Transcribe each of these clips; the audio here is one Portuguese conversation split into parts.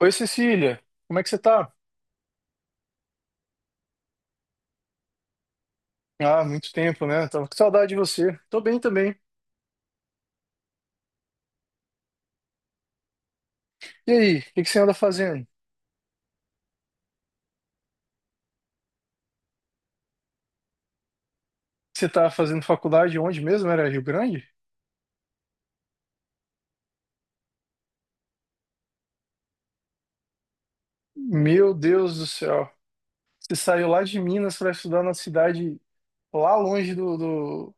Oi, Cecília, como é que você tá? Ah, muito tempo, né? Tava com saudade de você. Tô bem também. E aí, o que que você anda fazendo? Você tá fazendo faculdade onde mesmo? Era Rio Grande? Meu Deus do céu. Você saiu lá de Minas pra estudar na cidade lá longe do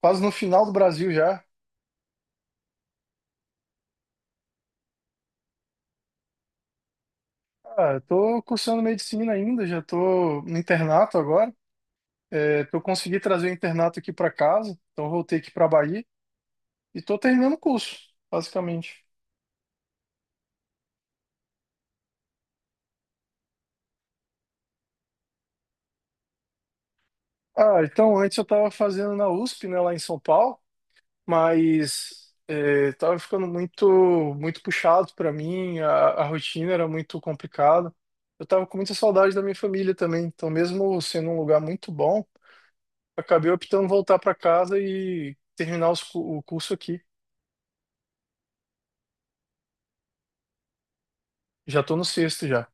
quase no final do Brasil já. Ah, eu tô cursando medicina ainda, já tô no internato agora. É, eu consegui trazer o internato aqui pra casa, então eu voltei aqui pra Bahia e tô terminando o curso, basicamente. Ah, então antes eu estava fazendo na USP, né, lá em São Paulo, mas é, tava ficando muito muito puxado para mim, a rotina era muito complicada. Eu tava com muita saudade da minha família também, então mesmo sendo um lugar muito bom, acabei optando voltar para casa e terminar o curso aqui. Já tô no sexto já.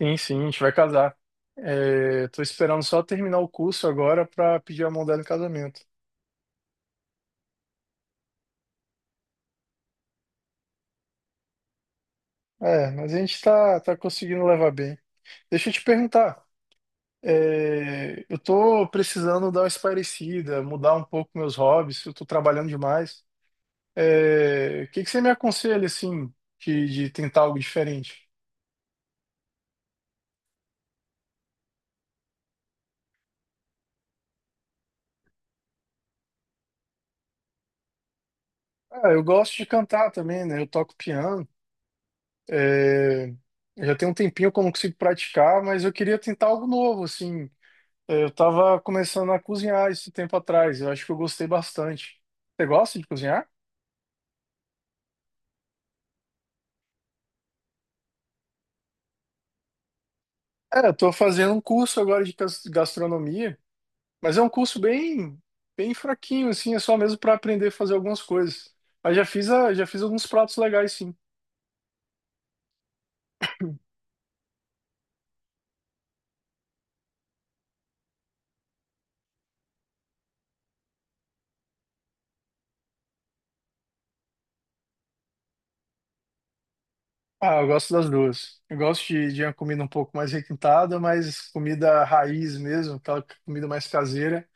Sim, sim, a gente vai casar. É, tô esperando só terminar o curso agora para pedir a mão dela em casamento. É, mas a gente tá conseguindo levar bem. Deixa eu te perguntar. É, eu tô precisando dar uma espairecida, mudar um pouco meus hobbies, eu tô trabalhando demais. É, o que que você me aconselha, assim, de tentar algo diferente? Ah, eu gosto de cantar também, né? Eu toco piano. É, já tem um tempinho que eu não consigo praticar, mas eu queria tentar algo novo, assim. É, eu tava começando a cozinhar isso tempo atrás. Eu acho que eu gostei bastante. Você gosta de cozinhar? É, eu tô fazendo um curso agora de gastronomia, mas é um curso bem, bem fraquinho, assim, é só mesmo para aprender a fazer algumas coisas. Mas já fiz alguns pratos legais, sim. Ah, eu gosto das duas. Eu gosto de uma comida um pouco mais requintada, mas comida raiz mesmo, aquela comida mais caseira,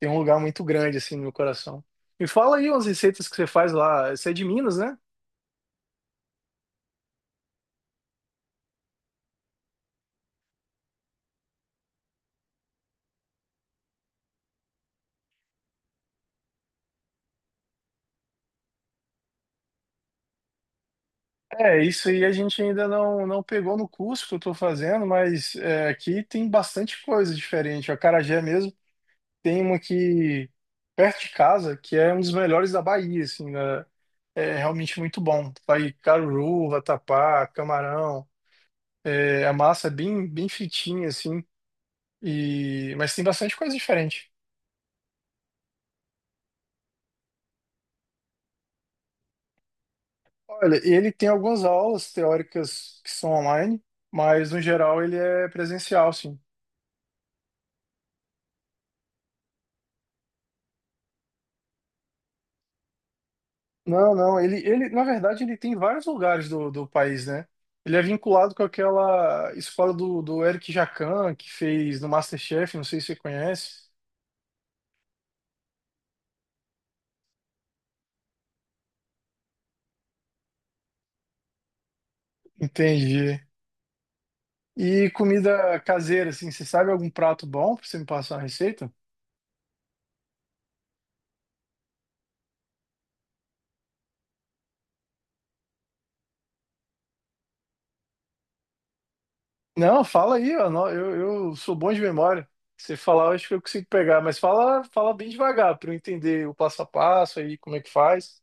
tem um lugar muito grande, assim, no meu coração. Me fala aí umas receitas que você faz lá. Você é de Minas, né? É, isso aí a gente ainda não pegou no curso que eu estou fazendo, mas é, aqui tem bastante coisa diferente. A acarajé mesmo tem uma aqui perto de casa, que é um dos melhores da Bahia, assim, né? É realmente muito bom. Vai caruru, vatapá, camarão. É, a massa é bem, bem fritinha, assim, e, mas tem bastante coisa diferente. Olha, ele tem algumas aulas teóricas que são online, mas no geral ele é presencial, sim. Não, não, ele, na verdade, ele tem vários lugares do país, né? Ele é vinculado com aquela escola do Eric Jacquin, que fez no MasterChef, não sei se você conhece. Entendi. E comida caseira, assim, você sabe algum prato bom pra você me passar uma receita? Não, fala aí, ó, não, eu sou bom de memória. Você falar, eu acho que eu consigo pegar, mas fala, fala bem devagar pra eu entender o passo a passo aí, como é que faz.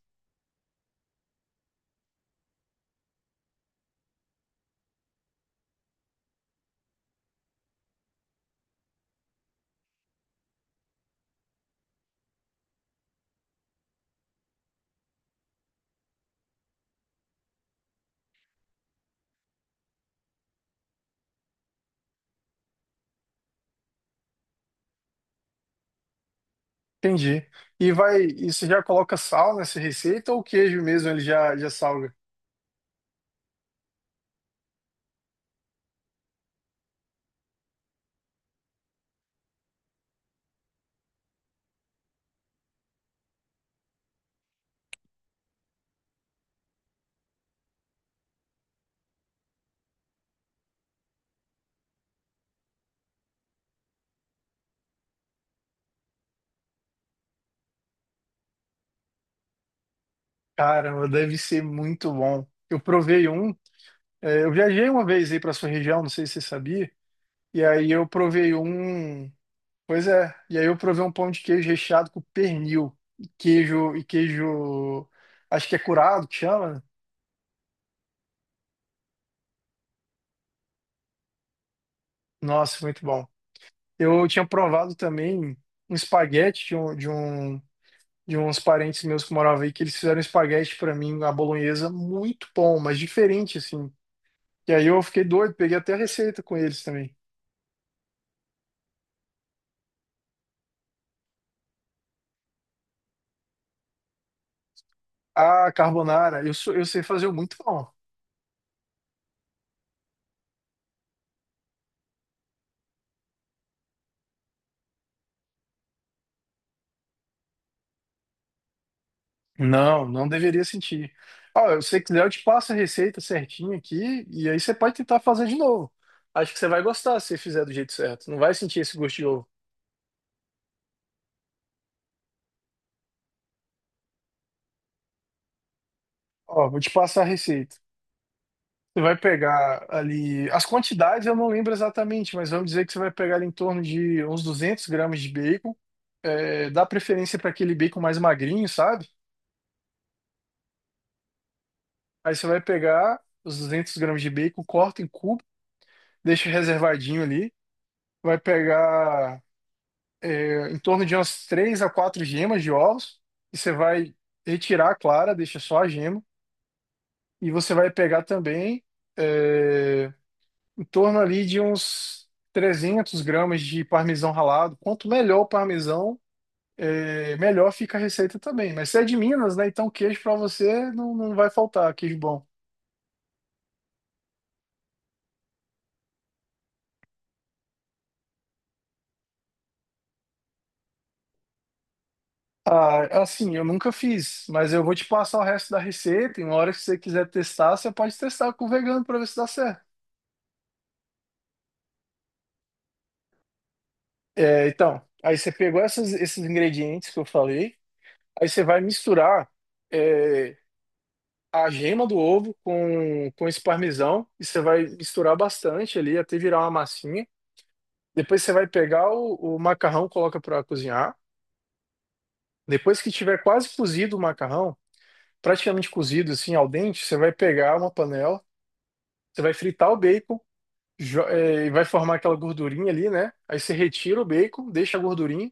Entendi. E você já coloca sal nessa receita ou o queijo mesmo ele já salga? Caramba, deve ser muito bom. Eu provei um, é, eu viajei uma vez aí para sua região, não sei se você sabia, e aí pois é, e aí eu provei um pão de queijo recheado com pernil, e queijo, acho que é curado que chama. Nossa, muito bom. Eu tinha provado também um espaguete de uns parentes meus que moravam aí que eles fizeram espaguete para mim, a bolonhesa, muito bom, mas diferente assim. E aí eu fiquei doido, peguei até a receita com eles também. Ah, carbonara, eu sei fazer muito bom. Não, não deveria sentir. Ó, se você quiser, eu te passo a receita certinha aqui e aí você pode tentar fazer de novo. Acho que você vai gostar se você fizer do jeito certo. Não vai sentir esse gosto de ovo. Ó, vou te passar a receita. Você vai pegar ali. As quantidades eu não lembro exatamente, mas vamos dizer que você vai pegar ali em torno de uns 200 g de bacon. É, dá preferência para aquele bacon mais magrinho, sabe? Aí você vai pegar os 200 g de bacon, corta em cubo, deixa reservadinho ali. Vai pegar em torno de umas três a quatro gemas de ovos, e você vai retirar a clara, deixa só a gema, e você vai pegar também é, em torno ali de uns 300 g de parmesão ralado. Quanto melhor o parmesão, é, melhor fica a receita também. Mas você é de Minas, né? Então queijo para você não vai faltar, queijo bom. Ah, assim, eu nunca fiz, mas eu vou te passar o resto da receita. E uma hora que você quiser testar, você pode testar com o vegano para ver se dá certo. É, então, aí você pegou esses ingredientes que eu falei, aí você vai misturar é, a gema do ovo com esse parmesão, e você vai misturar bastante ali até virar uma massinha. Depois você vai pegar o macarrão, coloca para cozinhar. Depois que tiver quase cozido o macarrão, praticamente cozido assim al dente, você vai pegar uma panela, você vai fritar o bacon, e vai formar aquela gordurinha ali, né? Aí você retira o bacon, deixa a gordurinha.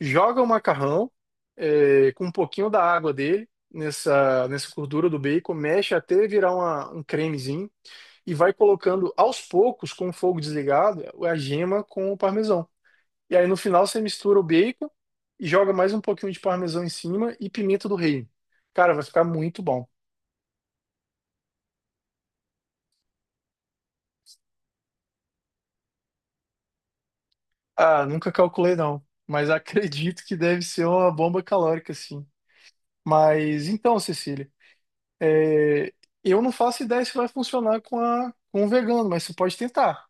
Joga o macarrão com um pouquinho da água dele nessa gordura do bacon, mexe até virar um cremezinho e vai colocando aos poucos, com o fogo desligado, a gema com o parmesão. E aí no final você mistura o bacon e joga mais um pouquinho de parmesão em cima e pimenta do reino. Cara, vai ficar muito bom. Ah, nunca calculei não, mas acredito que deve ser uma bomba calórica, sim. Mas então, Cecília. É, eu não faço ideia se vai funcionar com a, com o vegano, mas você pode tentar.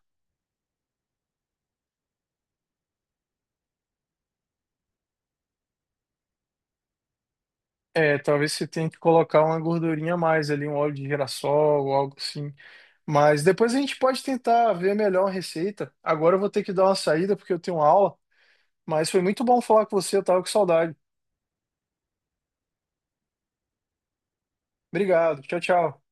É, talvez você tenha que colocar uma gordurinha a mais ali, um óleo de girassol ou algo assim. Mas depois a gente pode tentar ver melhor a receita. Agora eu vou ter que dar uma saída porque eu tenho aula, mas foi muito bom falar com você, eu tava com saudade. Obrigado, tchau, tchau.